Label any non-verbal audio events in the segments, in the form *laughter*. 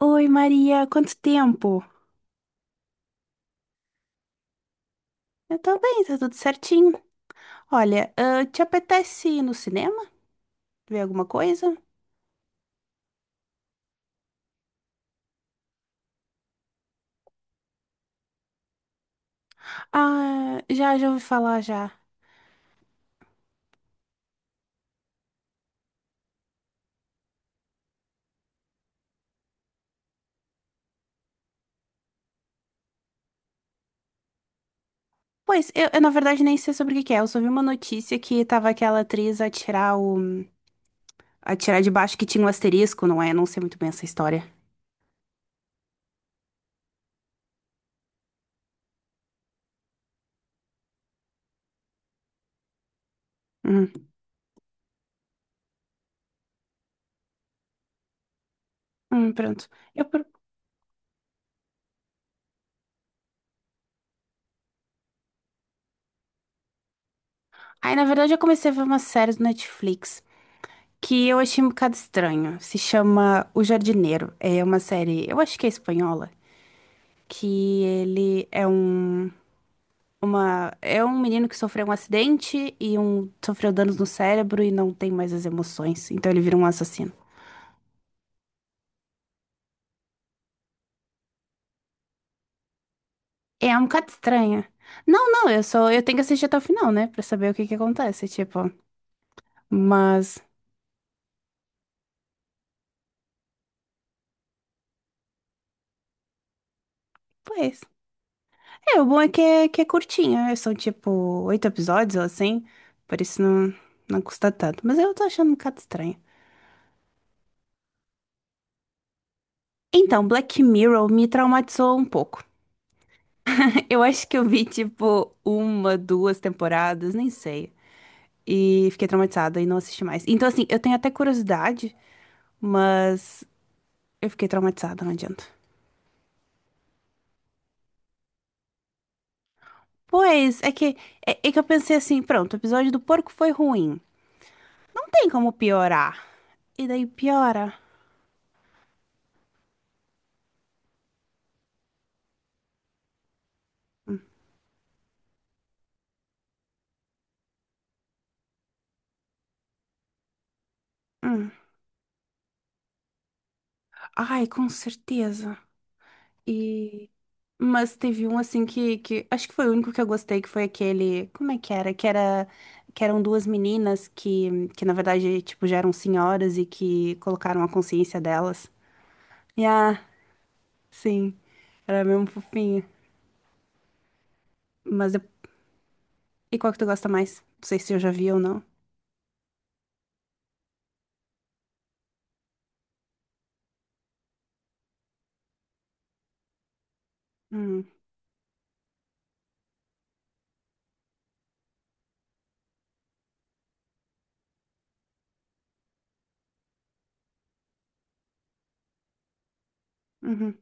Oi, Maria, quanto tempo? Eu tô bem, tá tudo certinho. Olha, te apetece ir no cinema? Ver alguma coisa? Ah, já ouvi falar já. Pois, eu, na verdade nem sei sobre o que que é. Eu só vi uma notícia que tava aquela atriz a tirar o. A tirar de baixo que tinha um asterisco, não é? Não sei muito bem essa história. Hum, pronto. Eu, pro- Aí, na verdade, eu comecei a ver uma série do Netflix que eu achei um bocado estranho. Se chama O Jardineiro. É uma série, eu acho que é espanhola. Que ele é um uma é um menino que sofreu um acidente e sofreu danos no cérebro e não tem mais as emoções, então ele vira um assassino. É um bocado estranha. Não, não, eu tenho que assistir até o final, né? Pra saber o que que acontece, tipo, mas pois. É, o bom é que é curtinha, são tipo oito episódios ou assim, por isso não custa tanto, mas eu tô achando um bocado estranho. Então, Black Mirror me traumatizou um pouco. Eu acho que eu vi, tipo, uma, duas temporadas, nem sei. E fiquei traumatizada e não assisti mais. Então, assim, eu tenho até curiosidade, mas eu fiquei traumatizada, não adianta. Pois, é que eu pensei assim, pronto, o episódio do porco foi ruim. Não tem como piorar. E daí piora. Hum. Ai, com certeza. E Mas teve um assim que acho que foi o único que eu gostei, que foi aquele, como é que era? Que era que eram duas meninas que na verdade tipo já eram senhoras e que colocaram a consciência delas. E sim, era mesmo fofinho. Mas eu- e qual que tu gosta mais? Não sei se eu já vi ou não. Hum, uhum.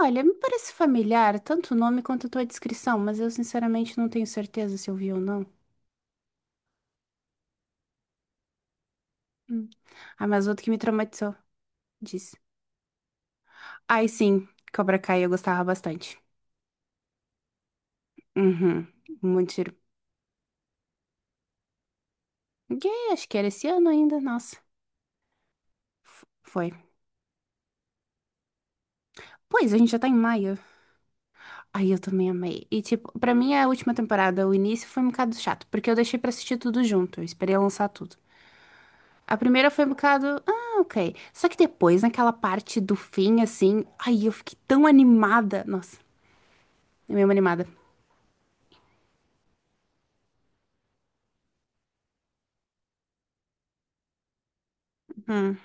Olha, me parece familiar, tanto o nome quanto a tua descrição, mas eu sinceramente não tenho certeza se eu vi ou não. Hum. Ah, mas outro que me traumatizou, disse. Ai, sim, Cobra Kai eu gostava bastante. Uhum, muito giro. E aí, acho que era esse ano ainda, nossa. Foi. Pois, a gente já tá em maio. Aí eu também amei. E, tipo, pra mim a última temporada, o início foi um bocado chato, porque eu deixei pra assistir tudo junto, eu esperei lançar tudo. A primeira foi um bocado, ok. Só que depois, naquela parte do fim, assim, aí eu fiquei tão animada. Nossa, eu mesmo animada. Hum,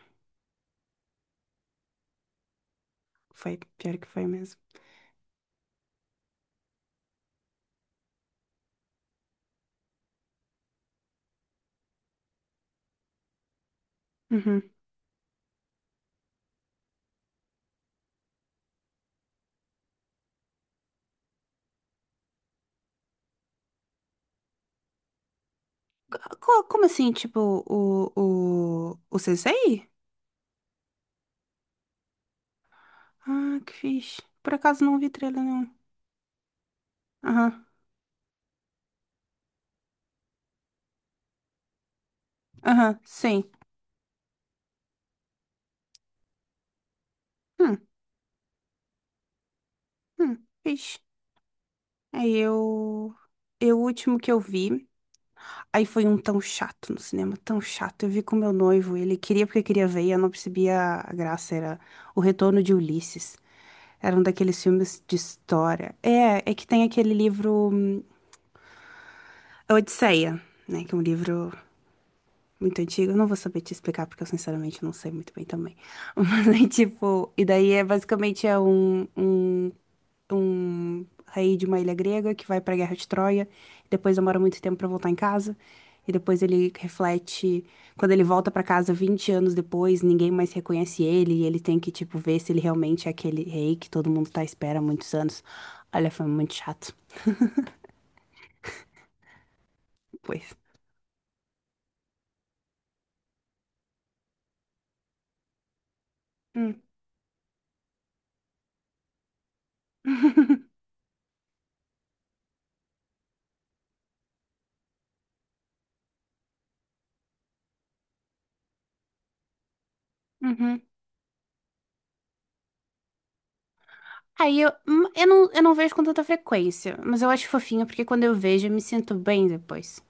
Foi, pior que foi mesmo. Uhum. Como assim, tipo, o Sensei? Ah, que fixe. Por acaso não vi trailer, não. Aham, aham, sim. Hum, hum, vixe. Aí eu. Eu, o último que eu vi, aí foi um tão chato no cinema, tão chato. Eu vi com meu noivo, ele queria porque queria ver e eu não percebia a graça. Era O Retorno de Ulisses. Era um daqueles filmes de história. É, é que tem aquele livro A Odisseia, né? Que é um livro muito antigo. Eu não vou saber te explicar porque eu sinceramente não sei muito bem também. *laughs* Mas aí, tipo, e daí é basicamente um rei de uma ilha grega que vai para a Guerra de Troia, depois demora muito tempo para voltar em casa, e depois ele reflete, quando ele volta para casa 20 anos depois, ninguém mais reconhece ele, e ele tem que, tipo, ver se ele realmente é aquele rei que todo mundo tá à espera há muitos anos. Olha, foi muito chato. Pois. Hum. *laughs* Uhum. Aí eu não vejo com tanta frequência, mas eu acho fofinho porque quando eu vejo eu me sinto bem depois,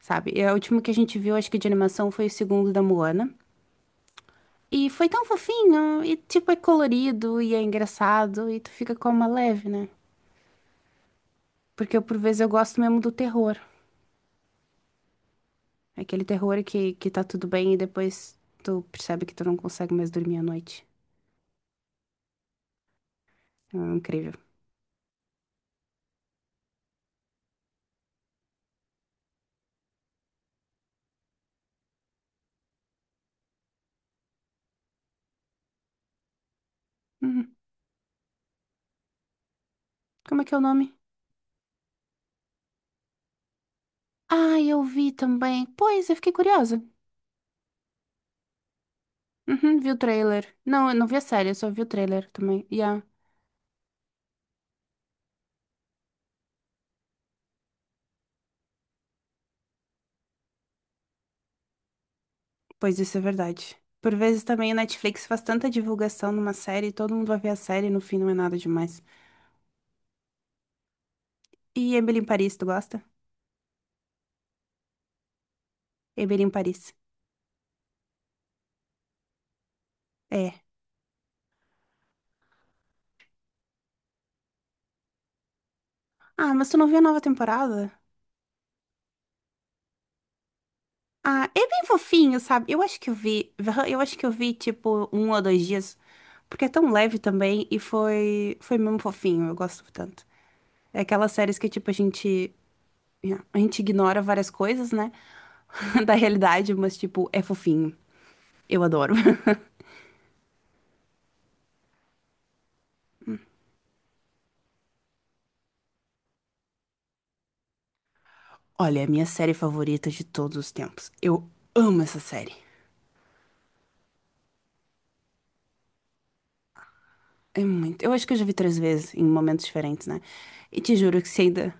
sabe? E o último que a gente viu, acho que de animação, foi o segundo da Moana. E foi tão fofinho, e tipo, é colorido e é engraçado, e tu fica com uma leve, né? Porque por vezes eu gosto mesmo do terror. É aquele terror que tá tudo bem e depois tu percebe que tu não consegue mais dormir à noite. É incrível. Uhum. Como é que é o nome? Ah, eu vi também. Pois, eu fiquei curiosa. Uhum, vi o trailer. Não, eu não vi a série, eu só vi o trailer também. Yeah. Pois isso é verdade. Por vezes também o Netflix faz tanta divulgação numa série, todo mundo vai ver a série e no fim não é nada demais. E Emily em Paris, tu gosta? Eber em Paris. É. Ah, mas tu não viu a nova temporada? Ah, é bem fofinho, sabe? Eu acho que eu vi, eu acho que eu vi tipo 1 ou 2 dias, porque é tão leve também e foi mesmo fofinho. Eu gosto tanto. É aquelas séries que tipo a gente, yeah, a gente ignora várias coisas, né, *laughs* da realidade, mas tipo é fofinho. Eu adoro. *laughs* Olha, é a minha série favorita de todos os tempos. Eu amo essa série. É muito. Eu acho que eu já vi três vezes em momentos diferentes, né? E te juro que se ainda.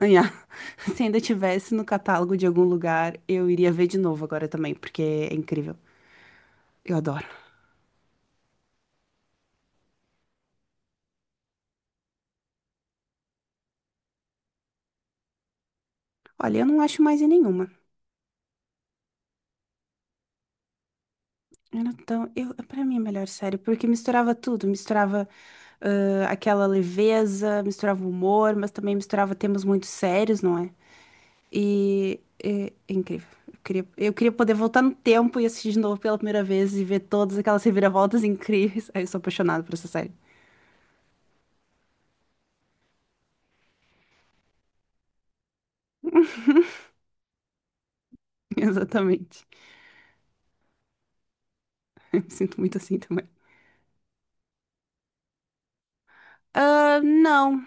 Anhá, *laughs* se ainda tivesse no catálogo de algum lugar, eu iria ver de novo agora também, porque é incrível. Eu adoro. Olha, eu não acho mais em nenhuma. Pra mim é a melhor série, porque misturava tudo. Misturava aquela leveza, misturava humor, mas também misturava temas muito sérios, não é? E é incrível. Eu queria poder voltar no tempo e assistir de novo pela primeira vez e ver todas aquelas reviravoltas incríveis. *laughs* Ai, eu sou apaixonada por essa série. *laughs* Exatamente. Eu me sinto muito assim também. Ah, não,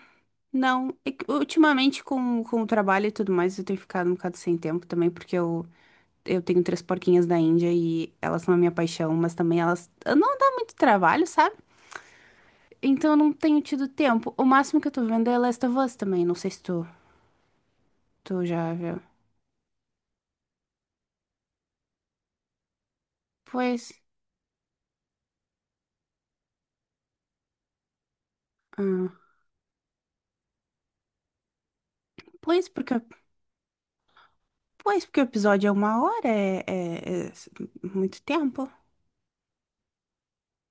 não. É que ultimamente, com o trabalho e tudo mais, eu tenho ficado um bocado sem tempo também, porque eu tenho três porquinhas da Índia e elas são a minha paixão, mas também elas não dá muito trabalho, sabe? Então eu não tenho tido tempo. O máximo que eu tô vendo é Last of Us também. Não sei se tu já viu. Pois. Ah, pois, porque, pois, porque o episódio é 1 hora, é muito tempo.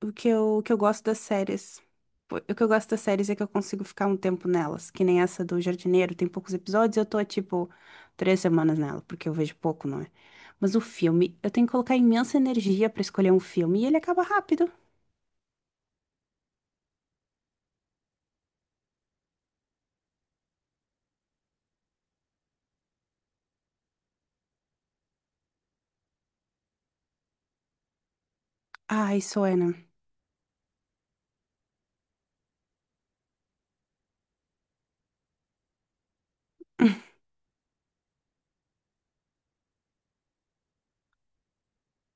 O que eu gosto das séries. O que eu gosto das séries é que eu consigo ficar um tempo nelas, que nem essa do Jardineiro, tem poucos episódios, eu tô, tipo, 3 semanas nela, porque eu vejo pouco, não é? Mas o filme, eu tenho que colocar imensa energia pra escolher um filme e ele acaba rápido. Ai, Suena.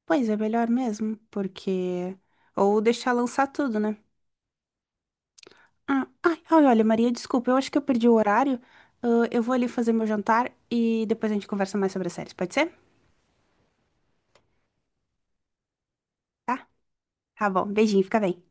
Pois é melhor mesmo, porque. Ou deixar lançar tudo, né? Ah, ai, ai, olha, Maria, desculpa, eu acho que eu perdi o horário. Ah, eu vou ali fazer meu jantar e depois a gente conversa mais sobre as séries, pode ser? Tá? Tá bom, beijinho, fica bem.